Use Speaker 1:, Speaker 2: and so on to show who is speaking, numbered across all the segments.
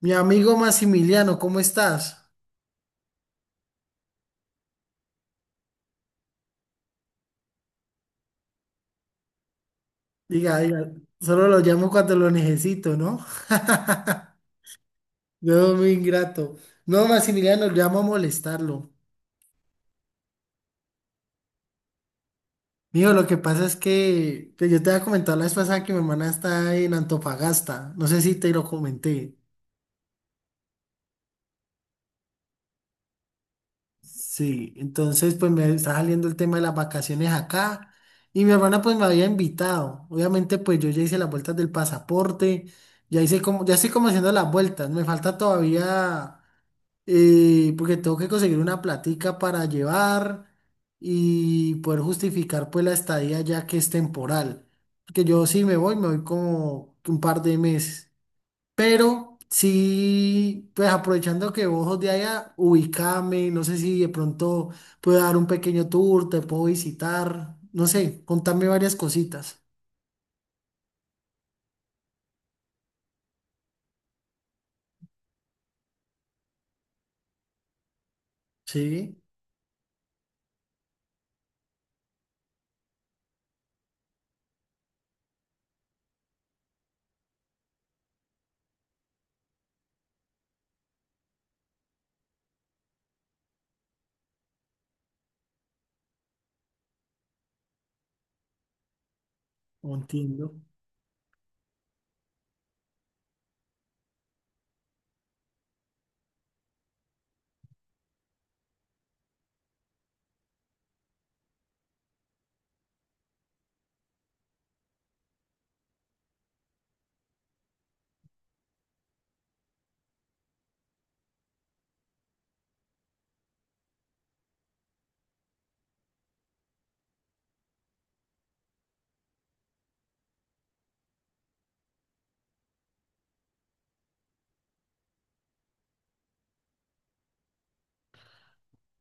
Speaker 1: Mi amigo Maximiliano, ¿cómo estás? Diga, diga, solo lo llamo cuando lo necesito, ¿no? Yo muy ingrato. No, Maximiliano, llamo a molestarlo. Mijo, lo que pasa es que yo te había comentado la vez pasada que mi hermana está en Antofagasta. No sé si te lo comenté. Sí, entonces pues me está saliendo el tema de las vacaciones acá. Y mi hermana pues me había invitado. Obviamente pues yo ya hice las vueltas del pasaporte. Ya hice como, ya estoy como haciendo las vueltas. Me falta todavía, porque tengo que conseguir una platica para llevar y poder justificar pues la estadía ya que es temporal. Porque yo sí me voy como un par de meses. Pero sí, pues aprovechando que vos sos de allá, ubícame, no sé si de pronto puedo dar un pequeño tour, te puedo visitar, no sé, contame varias cositas. Sí, entiendo.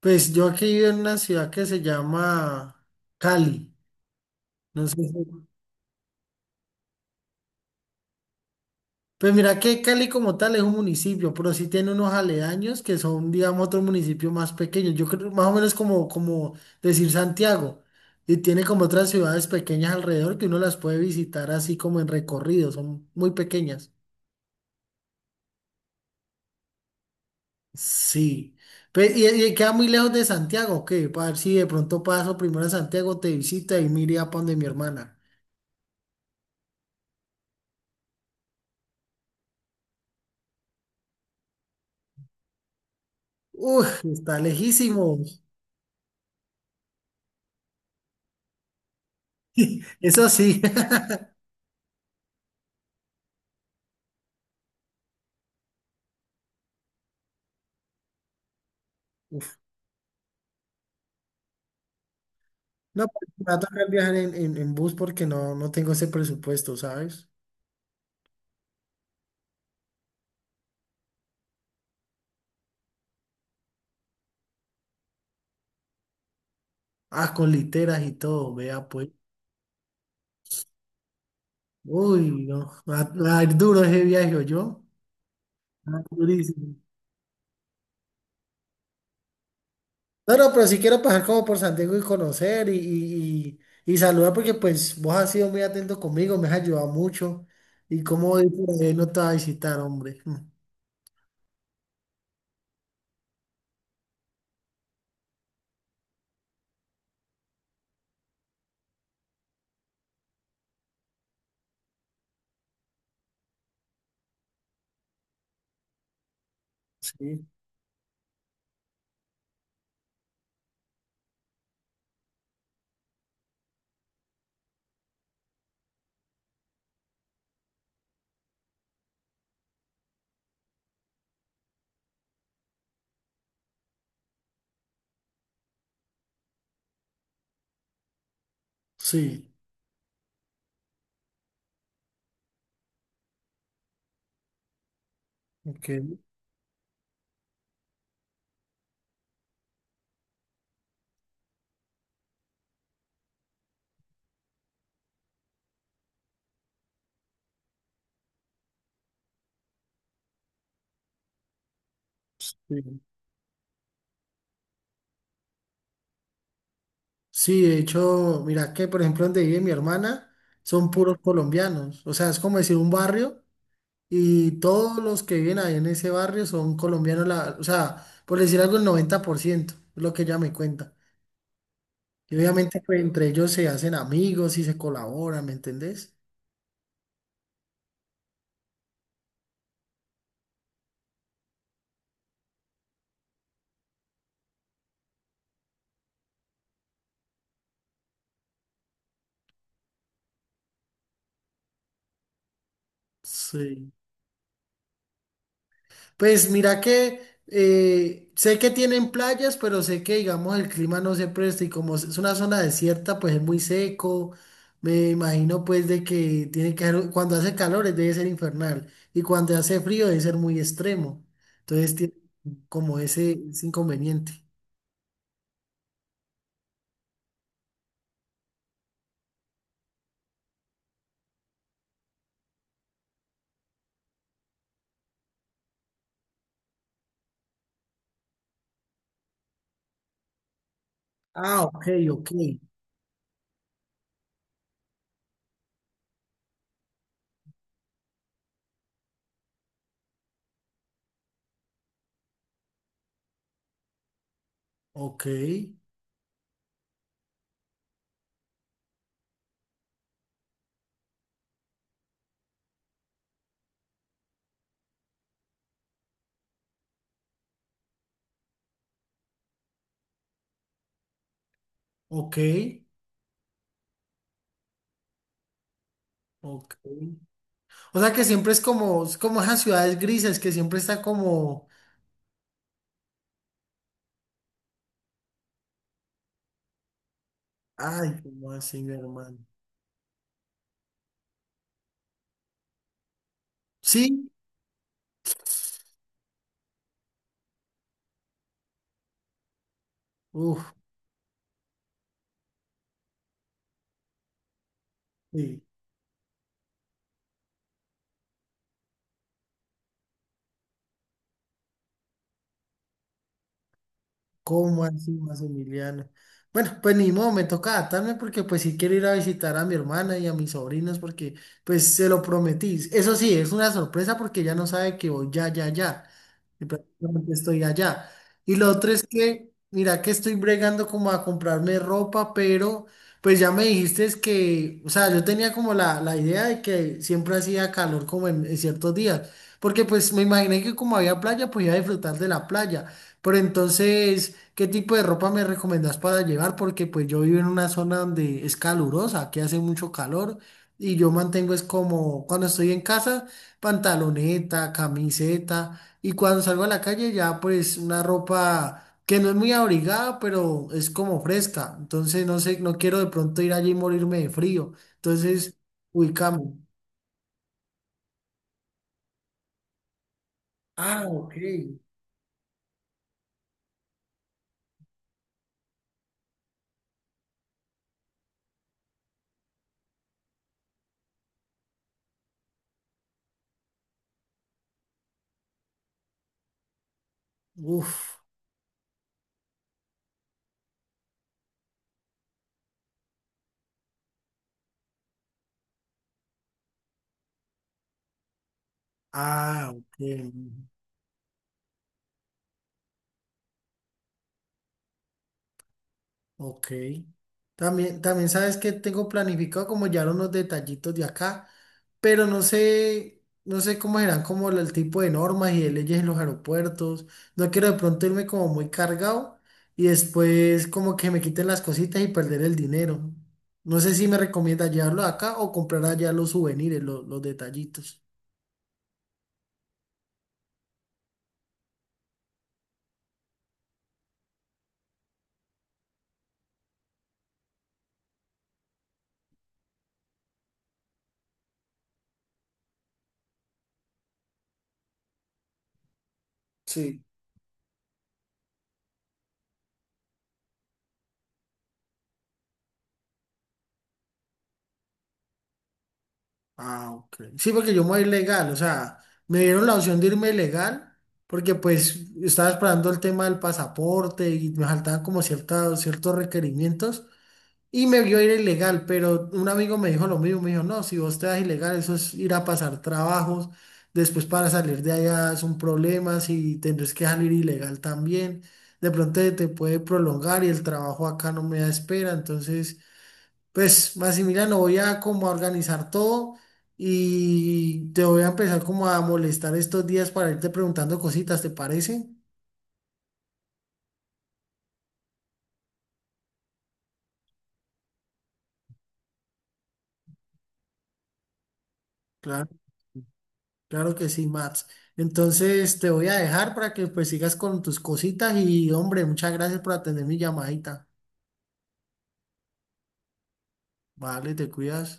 Speaker 1: Pues yo aquí vivo en una ciudad que se llama Cali. No sé si. Pues mira que Cali como tal es un municipio, pero sí tiene unos aledaños que son, digamos, otro municipio más pequeño. Yo creo más o menos como, como decir Santiago. Y tiene como otras ciudades pequeñas alrededor que uno las puede visitar así como en recorrido, son muy pequeñas. Sí. Pe- y queda muy lejos de Santiago, ¿qué? Para ver si de pronto paso primero a Santiago, te visita y mire a donde mi hermana. Uy, está lejísimo. Eso sí. No, pues, me va a tocar viajar en bus porque no, no tengo ese presupuesto, ¿sabes? Ah, con literas y todo, vea pues. Uy, no, va, va a ir duro ese viaje, yo. Durísimo. No, no, pero sí quiero pasar como por Santiago y conocer y saludar porque pues vos has sido muy atento conmigo, me has ayudado mucho. Y como hoy por ahí no te va a visitar, hombre. Sí. Sí, ok. Sí. Sí, de hecho, mira que por ejemplo donde vive mi hermana son puros colombianos, o sea, es como decir un barrio y todos los que viven ahí en ese barrio son colombianos, la- o sea, por decir algo el 90%, es lo que ella me cuenta. Y obviamente pues entre ellos se hacen amigos y se colaboran, ¿me entendés? Sí. Pues mira que sé que tienen playas, pero sé que digamos el clima no se presta y como es una zona desierta, pues es muy seco. Me imagino pues de que tiene que ser, cuando hace calor debe ser infernal y cuando hace frío debe ser muy extremo. Entonces tiene como ese inconveniente. Ah, ok, ok, ok, ok, ok. O sea que siempre es como esas ciudades grises que siempre está como, ay, ¿cómo así, mi hermano? Sí. Uf, sí, ¿cómo así, Maximiliano? Bueno, pues ni modo, me toca adaptarme porque pues sí quiero ir a visitar a mi hermana y a mis sobrinos porque pues se lo prometí. Eso sí, es una sorpresa porque ya no sabe que voy, ya, ya, ya. Y prácticamente estoy allá. Y lo otro es que, mira que estoy bregando como a comprarme ropa, pero pues ya me dijiste es que, o sea, yo tenía como la idea de que siempre hacía calor como en ciertos días, porque pues me imaginé que como había playa, pues iba a disfrutar de la playa. Pero entonces, ¿qué tipo de ropa me recomendás para llevar? Porque pues yo vivo en una zona donde es calurosa, que hace mucho calor. Y yo mantengo es como cuando estoy en casa, pantaloneta, camiseta, y cuando salgo a la calle ya pues una ropa que no es muy abrigada, pero es como fresca. Entonces no sé, no quiero de pronto ir allí y morirme de frío. Entonces, ubicamos. Ah, ok. Uf. Ah, ok. Ok. También, también sabes que tengo planificado como ya unos detallitos de acá, pero no sé, no sé cómo serán como el tipo de normas y de leyes en los aeropuertos. No quiero de pronto irme como muy cargado y después como que me quiten las cositas y perder el dinero. No sé si me recomienda llevarlo acá o comprar allá los souvenirs, lo- los detallitos. Sí. Ah, ok. Sí, porque yo me voy ilegal, o sea, me dieron la opción de irme ilegal porque pues estaba esperando el tema del pasaporte y me faltaban como cierta- ciertos requerimientos y me vio ir ilegal, pero un amigo me dijo lo mismo, me dijo, no, si vos te vas ilegal, eso es ir a pasar trabajos, después para salir de allá es un problema, si tendrás que salir ilegal también, de pronto te puede prolongar y el trabajo acá no me da espera, entonces. Pues, Maximiliano, voy a como a organizar todo y te voy a empezar como a molestar estos días para irte preguntando cositas, ¿te parece? Claro, claro que sí, Max. Entonces te voy a dejar para que pues sigas con tus cositas y hombre, muchas gracias por atender mi llamadita. Vale, te cuidas.